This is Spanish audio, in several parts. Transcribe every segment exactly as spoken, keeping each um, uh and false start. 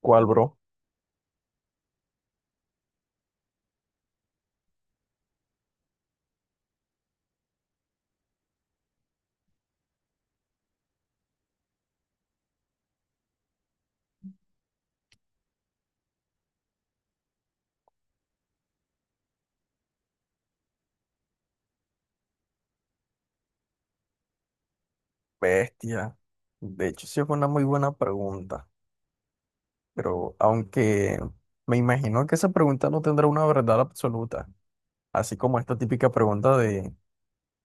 ¿Cuál, bro? Bestia. De hecho, sí fue una muy buena pregunta, pero aunque me imagino que esa pregunta no tendrá una verdad absoluta, así como esta típica pregunta de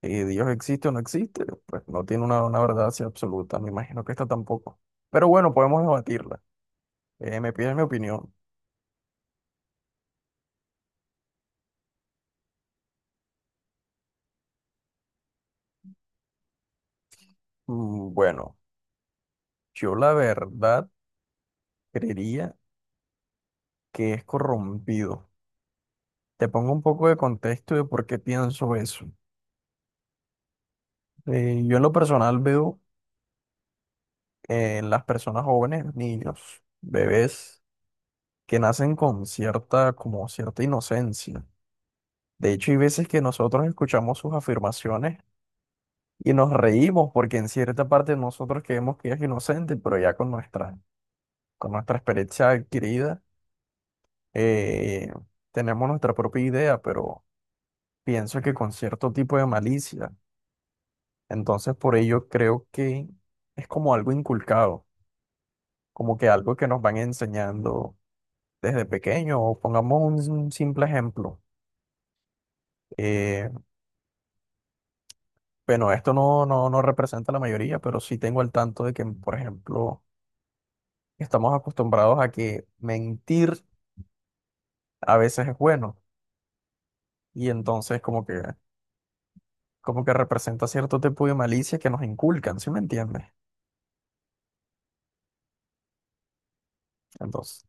eh, ¿Dios existe o no existe? Pues no tiene una, una verdad así absoluta, me imagino que esta tampoco. Pero bueno, podemos debatirla. Eh, me pides mi opinión. Mm, bueno, yo la verdad creería que es corrompido. Te pongo un poco de contexto de por qué pienso eso. Eh, yo en lo personal veo eh, las personas jóvenes, niños, bebés, que nacen con cierta, como cierta inocencia. De hecho, hay veces que nosotros escuchamos sus afirmaciones y nos reímos porque en cierta parte nosotros creemos que es inocente, pero ya con nuestra, con nuestra experiencia adquirida, eh, tenemos nuestra propia idea, pero pienso que con cierto tipo de malicia. Entonces, por ello creo que es como algo inculcado, como que algo que nos van enseñando desde pequeño, o pongamos un, simple ejemplo. eh, bueno, esto no, no, no representa la mayoría, pero sí tengo al tanto de que, por ejemplo, estamos acostumbrados a que mentir a veces es bueno y entonces como que, como que representa cierto tipo de malicia que nos inculcan, ¿sí me entiendes? Entonces,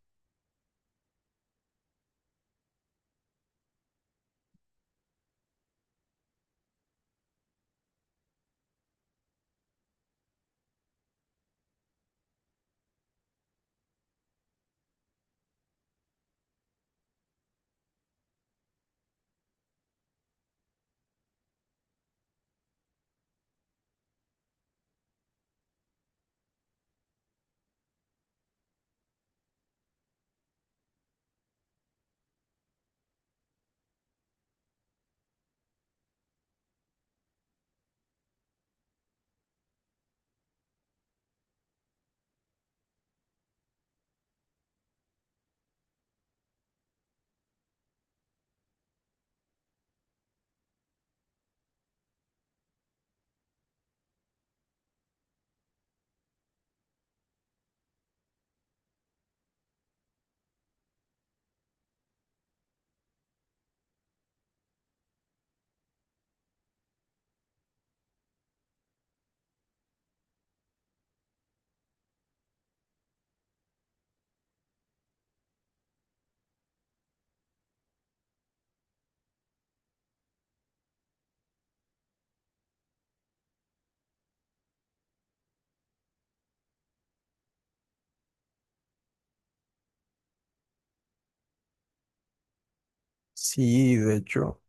sí, de hecho,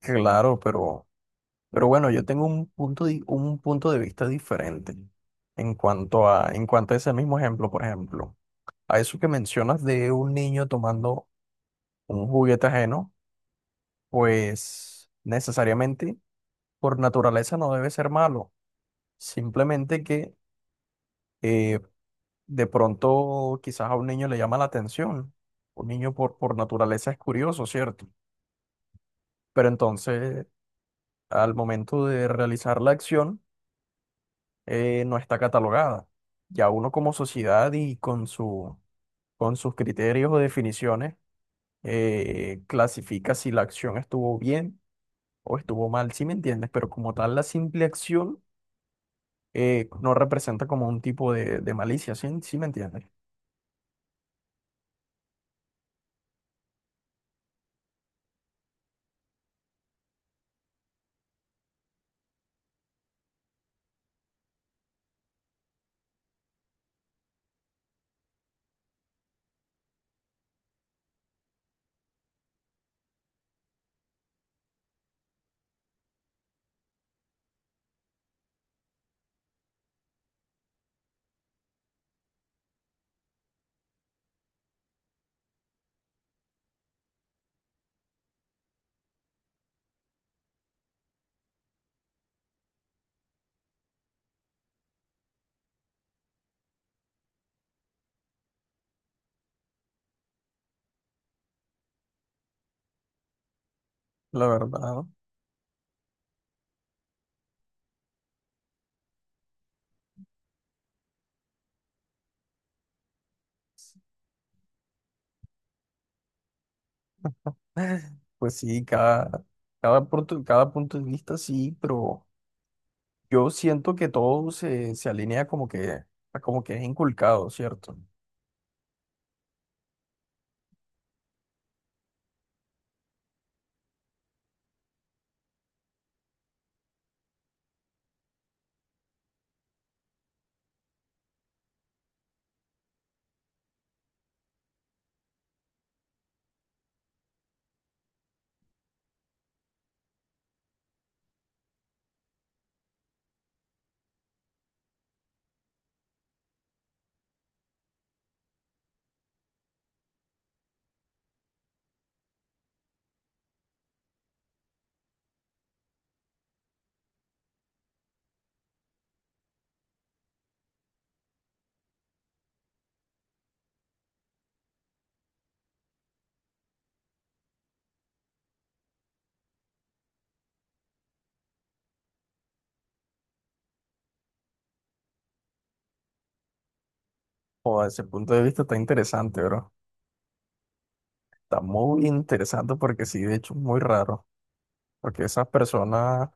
claro, pero, pero bueno, yo tengo un punto, di- un punto de vista diferente en cuanto a, en cuanto a ese mismo ejemplo, por ejemplo. A eso que mencionas de un niño tomando un juguete ajeno, pues necesariamente por naturaleza no debe ser malo. Simplemente que eh, de pronto quizás a un niño le llama la atención. Un niño por, por naturaleza es curioso, ¿cierto? Pero entonces al momento de realizar la acción eh, no está catalogada. Ya uno como sociedad y con su, con sus criterios o definiciones eh, clasifica si la acción estuvo bien o estuvo mal, sí me entiendes, pero como tal la simple acción eh, no representa como un tipo de, de malicia, ¿sí? ¿Sí me entiendes? La verdad, pues sí, cada, cada, punto, cada punto de vista sí, pero yo siento que todo se, se alinea como que, a como que es inculcado, ¿cierto? O ese punto de vista está interesante, bro. Está muy interesante porque sí, de hecho, es muy raro, porque esas personas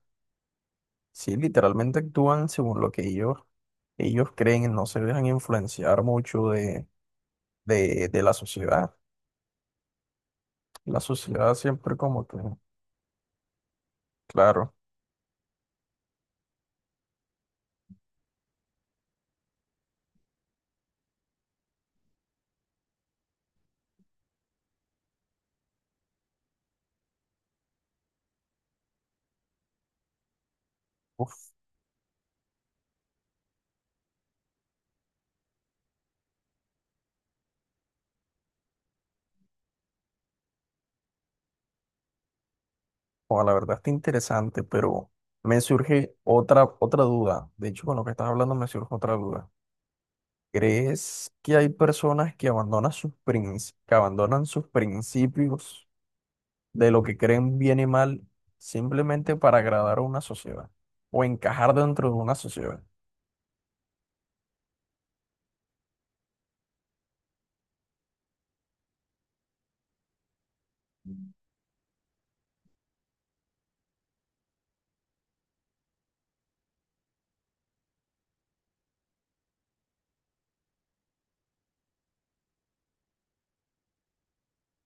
sí, literalmente actúan según lo que ellos, ellos creen, no se dejan influenciar mucho de, de, de la sociedad. La sociedad siempre como que, claro, uf, o la verdad está interesante, pero me surge otra, otra duda. De hecho, con lo que estás hablando me surge otra duda. ¿Crees que hay personas que abandonan sus princ- que abandonan sus principios de lo que creen bien y mal simplemente para agradar a una sociedad o encajar dentro de una sociedad?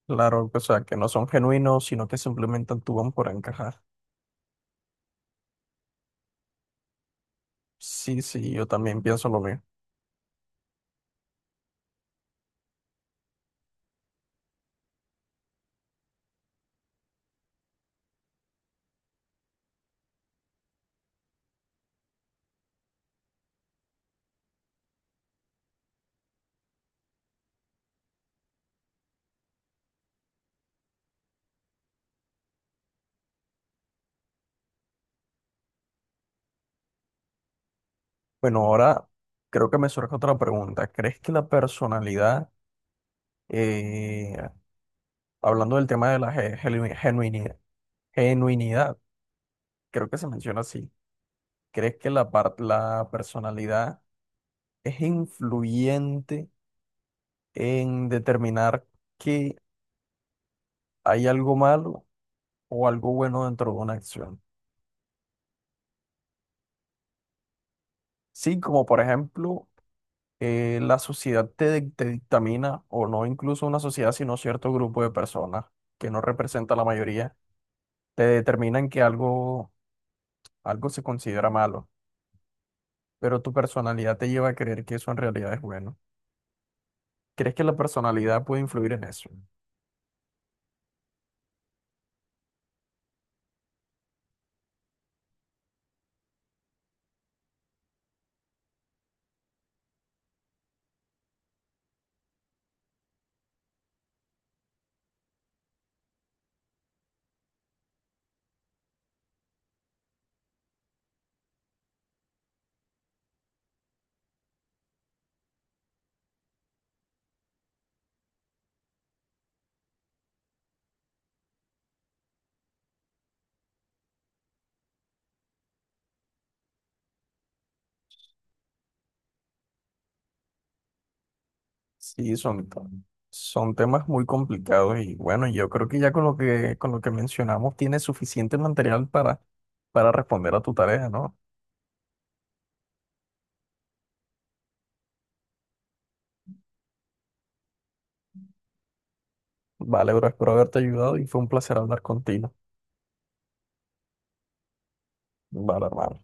Claro, o sea, que no son genuinos, sino que simplemente actúan por encajar. Sí, sí, yo también pienso lo mismo. Bueno, ahora creo que me surge otra pregunta. ¿Crees que la personalidad, eh, hablando del tema de la ge- genu- genuinidad, genuinidad, creo que se menciona así, ¿crees que la, par- la personalidad es influyente en determinar que hay algo malo o algo bueno dentro de una acción? Sí, como por ejemplo... eh, la sociedad te, dic- te dictamina, o no incluso una sociedad, sino cierto grupo de personas que no representa la mayoría, te determinan que algo, algo se considera malo, pero tu personalidad te lleva a creer que eso en realidad es bueno. ¿Crees que la personalidad puede influir en eso? Sí, son, son temas muy complicados y bueno, yo creo que ya con lo que, con lo que mencionamos tienes suficiente material para, para responder a tu tarea, ¿no? Vale, bro, espero haberte ayudado y fue un placer hablar contigo. Vale, hermano.